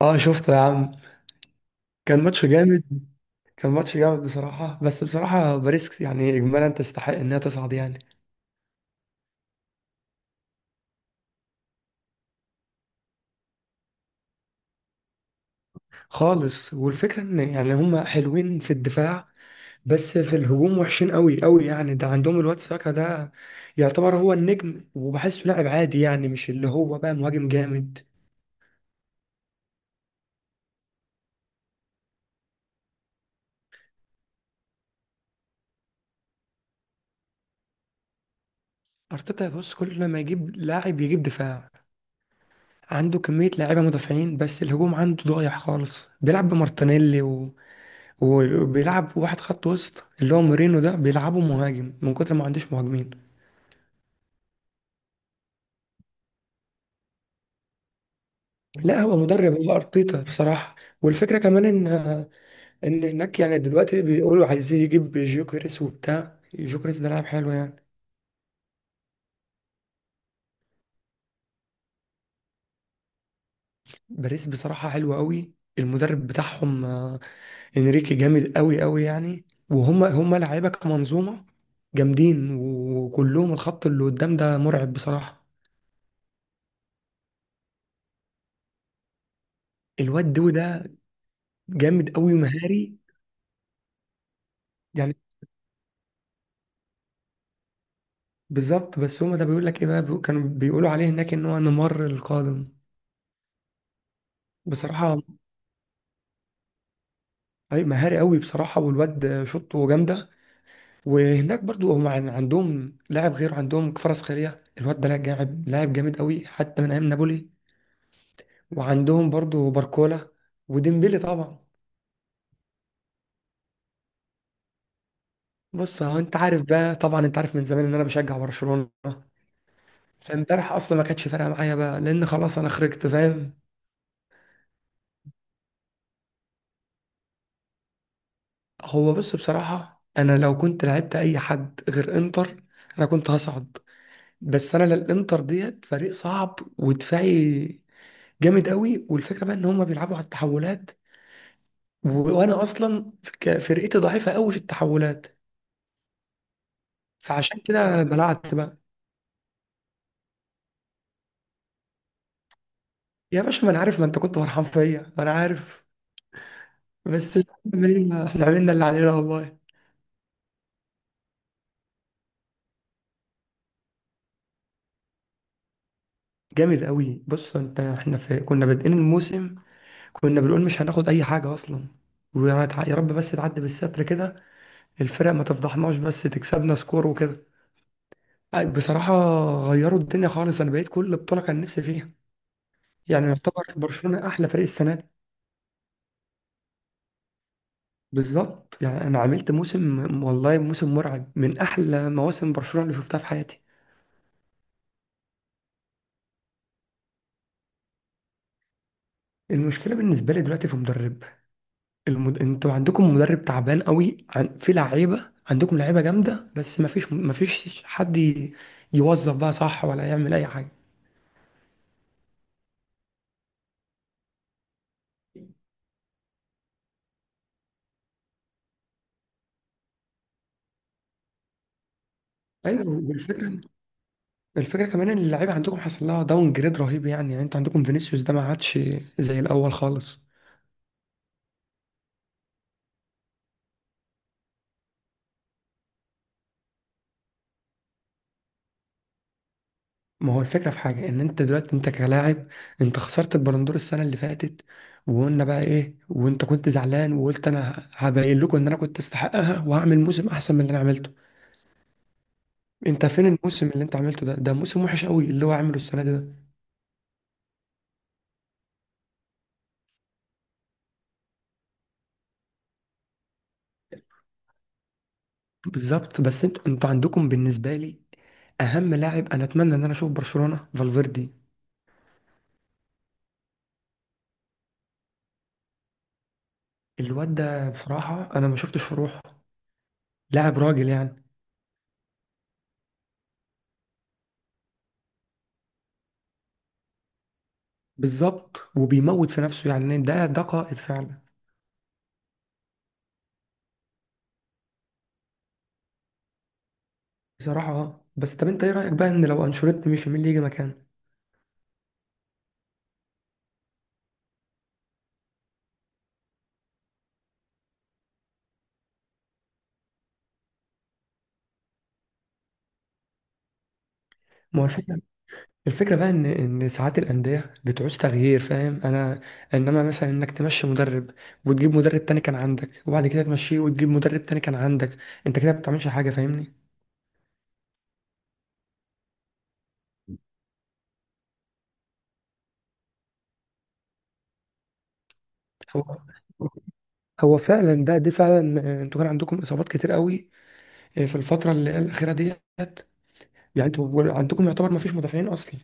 اه، شفته يا عم. كان ماتش جامد. بصراحة بس بصراحة باريس يعني إجمالا تستحق إنها تصعد يعني. خالص، والفكرة إن يعني هما حلوين في الدفاع، بس في الهجوم وحشين قوي قوي. يعني ده عندهم الواد ساكا ده، يعتبر هو النجم وبحسه لاعب عادي، يعني مش اللي هو بقى مهاجم جامد. أرتيتا، بص، كل ما يجيب لاعب يجيب دفاع. عنده كمية لاعيبة مدافعين، بس الهجوم عنده ضايع خالص. بيلعب بمارتينيلي، وبيلعب واحد خط وسط اللي هو مورينو ده بيلعبه مهاجم من كتر ما عندوش مهاجمين. لا، هو مدرب، هو ارتيتا بصراحه. والفكره كمان ان هناك يعني دلوقتي بيقولوا عايزين يجيب جوكريس، وبتاع جوكريس ده لاعب حلو يعني. باريس بصراحه حلوه قوي. المدرب بتاعهم انريكي جامد قوي قوي يعني. وهم لعيبه كمنظومه جامدين، وكلهم الخط اللي قدام ده مرعب بصراحه. الواد دو ده جامد قوي ومهاري يعني. بالظبط. بس هما ده بيقول لك ايه بقى، كانوا بيقولوا عليه هناك ان هو نيمار القادم. بصراحه اي، مهاري قوي بصراحه، والواد شوطه جامده. وهناك برضو عندهم لاعب، غير عندهم كفاراتسخيليا. الواد ده لاعب جامد، لاعب جامد قوي، حتى من ايام نابولي. وعندهم برضو باركولا، وديمبلي طبعا. بص، هو انت عارف بقى، طبعا انت عارف من زمان ان انا بشجع برشلونه. فامبارح اصلا ما كانتش فارقه معايا بقى، لان خلاص انا خرجت فاهم. هو بص، بصراحة أنا لو كنت لعبت أي حد غير إنتر، أنا كنت هصعد. بس أنا الإنتر ديت فريق صعب ودفاعي جامد قوي، والفكرة بقى إن هما بيلعبوا على التحولات و... وأنا أصلا فرقتي ضعيفة قوي في التحولات، فعشان كده بلعت بقى. يا باشا، ما أنا عارف، ما أنت كنت فرحان فيا، ما أنا عارف. بس إحنا عملنا اللي علينا والله. جامد قوي. بص أنت، كنا بادئين الموسم، كنا بنقول مش هناخد اي حاجه اصلا، يا رب بس تعدي بالستر كده، الفرق ما تفضحناش، بس تكسبنا سكور وكده بصراحه. غيروا الدنيا خالص. انا بقيت كل بطوله كان نفسي فيها، يعني يعتبر برشلونه احلى فريق السنه دي. بالظبط، يعني انا عملت موسم، والله موسم مرعب، من احلى مواسم برشلونه اللي شفتها في حياتي. المشكله بالنسبه لي دلوقتي في مدرب. انتوا عندكم مدرب تعبان قوي، في لعيبه، عندكم لعيبه جامده، بس ما فيش يوظف بقى صح، ولا يعمل اي حاجه. ايوه، والفكره كمان ان اللعيبه عندكم حصل لها داون جريد رهيب. يعني انت عندكم فينيسيوس ده ما عادش زي الاول خالص. ما هو الفكره في حاجه، ان انت دلوقتي انت كلاعب، انت خسرت البالندور السنه اللي فاتت، وقلنا بقى ايه، وانت كنت زعلان وقلت انا هبين لكم ان انا كنت استحقها وهعمل موسم احسن من اللي انا عملته. انت فين الموسم اللي انت عملته ده موسم وحش قوي اللي هو عامله السنه دي ده. بالظبط. بس انتوا عندكم بالنسبه لي اهم لاعب، انا اتمنى ان انا اشوف برشلونه فالفيردي. الواد ده بصراحة أنا ما شفتش في روحه لاعب راجل يعني. بالظبط. وبيموت في نفسه، يعني ده قائد فعلا. بصراحة اه. بس طب أنت إيه رأيك بقى، إن لو أنشيلوتي مشي مين اللي يجي مكانه؟ ما هو الفكرة، الفكرة بقى إن ساعات الأندية بتعوز تغيير، فاهم أنا؟ إنما مثلا إنك تمشي مدرب وتجيب مدرب تاني كان عندك، وبعد كده تمشيه وتجيب مدرب تاني كان عندك، أنت كده ما بتعملش حاجة، فاهمني؟ هو هو فعلا ده، دي فعلا. انتوا كان عندكم اصابات كتير قوي في الفتره اللي هي الاخيره ديت. يعني انتوا عندكم يعتبر ما فيش مدافعين اصلا.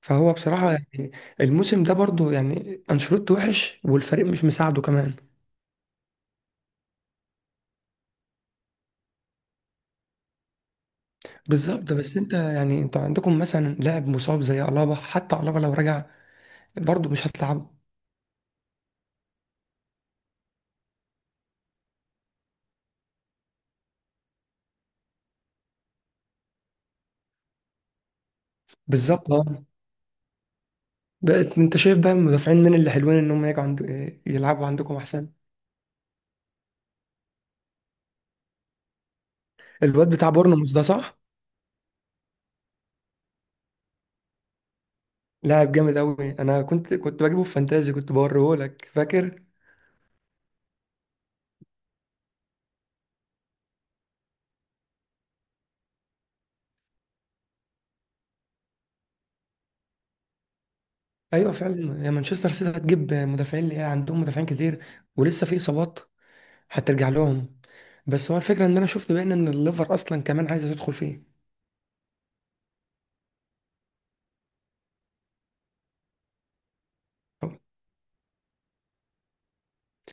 فهو بصراحه، يعني الموسم ده برضو يعني، انشيلوتي وحش والفريق مش مساعده كمان. بالظبط. بس انت يعني انتوا عندكم مثلا لاعب مصاب زي الابا، حتى الابا لو رجع برضو مش هتلعبه. بالظبط اه. بقت، انت شايف بقى المدافعين من اللي حلوين ان هم يجوا عند يلعبوا عندكم احسن؟ الواد بتاع بورنموث ده، صح؟ لاعب جامد قوي. انا كنت بجيبه في فانتازي، كنت بوريه لك، فاكر؟ ايوه فعلا، يا مانشستر سيتي هتجيب مدافعين، اللي هي عندهم مدافعين كتير ولسه في اصابات، حتى ارجع لهم. بس هو الفكره ان انا شفت بقى ان الليفر اصلا كمان عايزه تدخل فيه.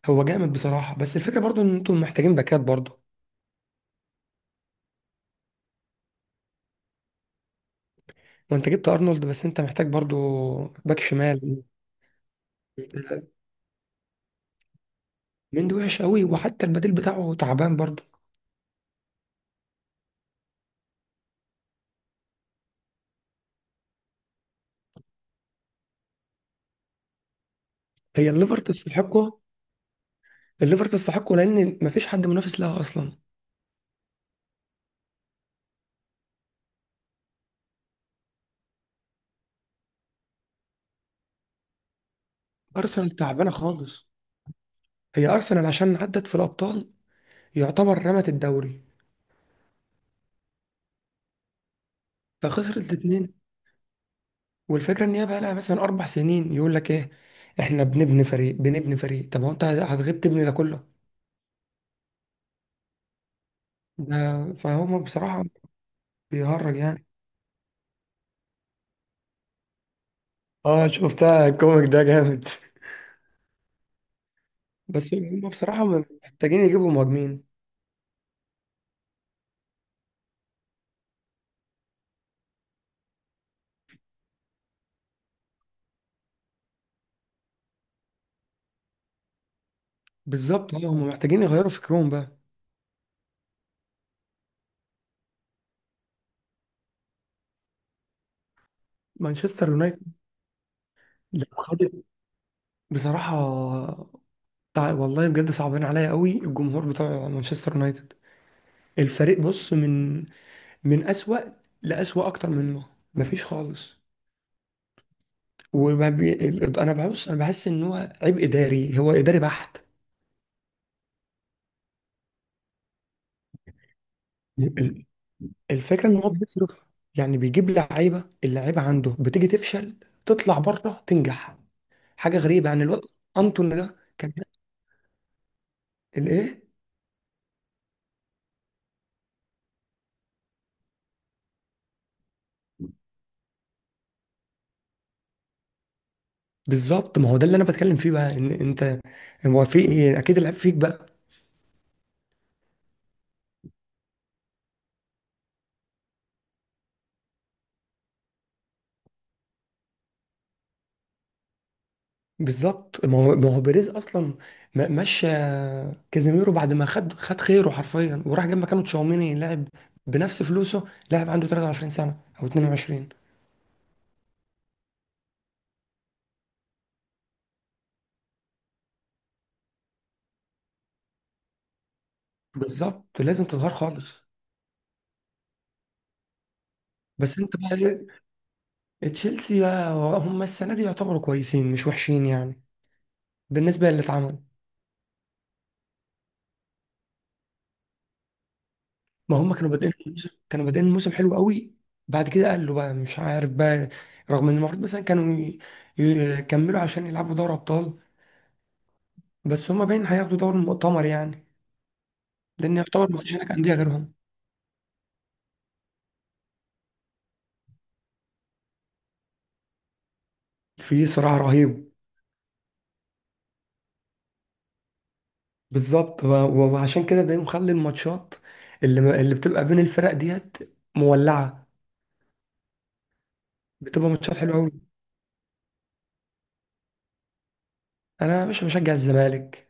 هو جامد بصراحه. بس الفكره برضو ان انتوا محتاجين باكات برضو. وانت جبت ارنولد، بس انت محتاج برضو باك شمال. من ده وحش قوي، وحتى البديل بتاعه تعبان برضو. هي الليفر تستحقه. الليفر تستحقه، لان مفيش حد منافس لها اصلا. ارسنال تعبانه خالص. هي ارسنال عشان عدت في الابطال، يعتبر رمت الدوري، فخسرت الاتنين. والفكره ان هي بقى لها مثلا 4 سنين يقول لك ايه، احنا بنبني فريق، بنبني فريق. طب هو انت هتغيب تبني ده كله؟ ده فهم بصراحه بيهرج يعني. اه، شفتها الكوميك ده جامد. بس هم بصراحه محتاجين يجيبوا مهاجمين. بالظبط اه، هم محتاجين يغيروا فكرهم بقى. مانشستر يونايتد لو خدت، بصراحه والله بجد صعبان عليا قوي الجمهور بتاع مانشستر يونايتد. الفريق، بص، من من اسوأ لأسوأ اكتر منه. مفيش خالص. انا بحس ان هو عبء اداري، هو اداري بحت. ال- الفكره ان هو بيصرف، يعني بيجيب لعيبه، اللعيبه عنده بتيجي تفشل، تطلع بره تنجح. حاجه غريبه يعني. الواد انتون ده كان الايه؟ بالظبط، ما هو ده اللي انا بتكلم فيه بقى، ان انت هو في ايه، اكيد العيب فيك بقى. بالظبط. ما هو، ما هو بيريز اصلا مشى كازيميرو بعد ما خد خيره حرفيا، وراح جاب مكانه تشاوميني، لاعب بنفس فلوسه، لاعب عنده 23 سنه او 22. بالظبط، لازم تتغير خالص. بس انت بقى، ايه تشيلسي بقى؟ هم السنه دي يعتبروا كويسين، مش وحشين يعني بالنسبه للي اتعمل. ما هم كانوا بادئين الموسم، كانوا بادئين الموسم حلو قوي، بعد كده قالوا بقى مش عارف بقى، رغم ان المفروض مثلا كانوا يكملوا عشان يلعبوا دوري ابطال. بس هم باين هياخدوا دوري المؤتمر يعني، لان يعتبر ما فيش هناك انديه غيرهم. في صراع رهيب. بالظبط، وعشان كده ده مخلي الماتشات اللي بتبقى بين الفرق ديت مولعه، بتبقى ماتشات حلوه قوي. انا يا باشا بشجع الزمالك.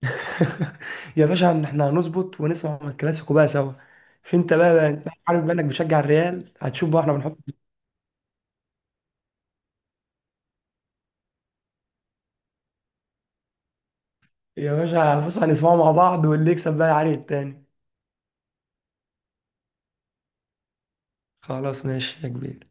يا باشا، إن احنا هنظبط ونسمع من الكلاسيكو بقى سوا. مش انت بقى، انت عارف بقى انك بتشجع الريال، هتشوف بقى احنا بنحط. يا باشا بص، هنسمعه مع بعض، واللي يكسب بقى يعاني التاني. خلاص ماشي يا كبير.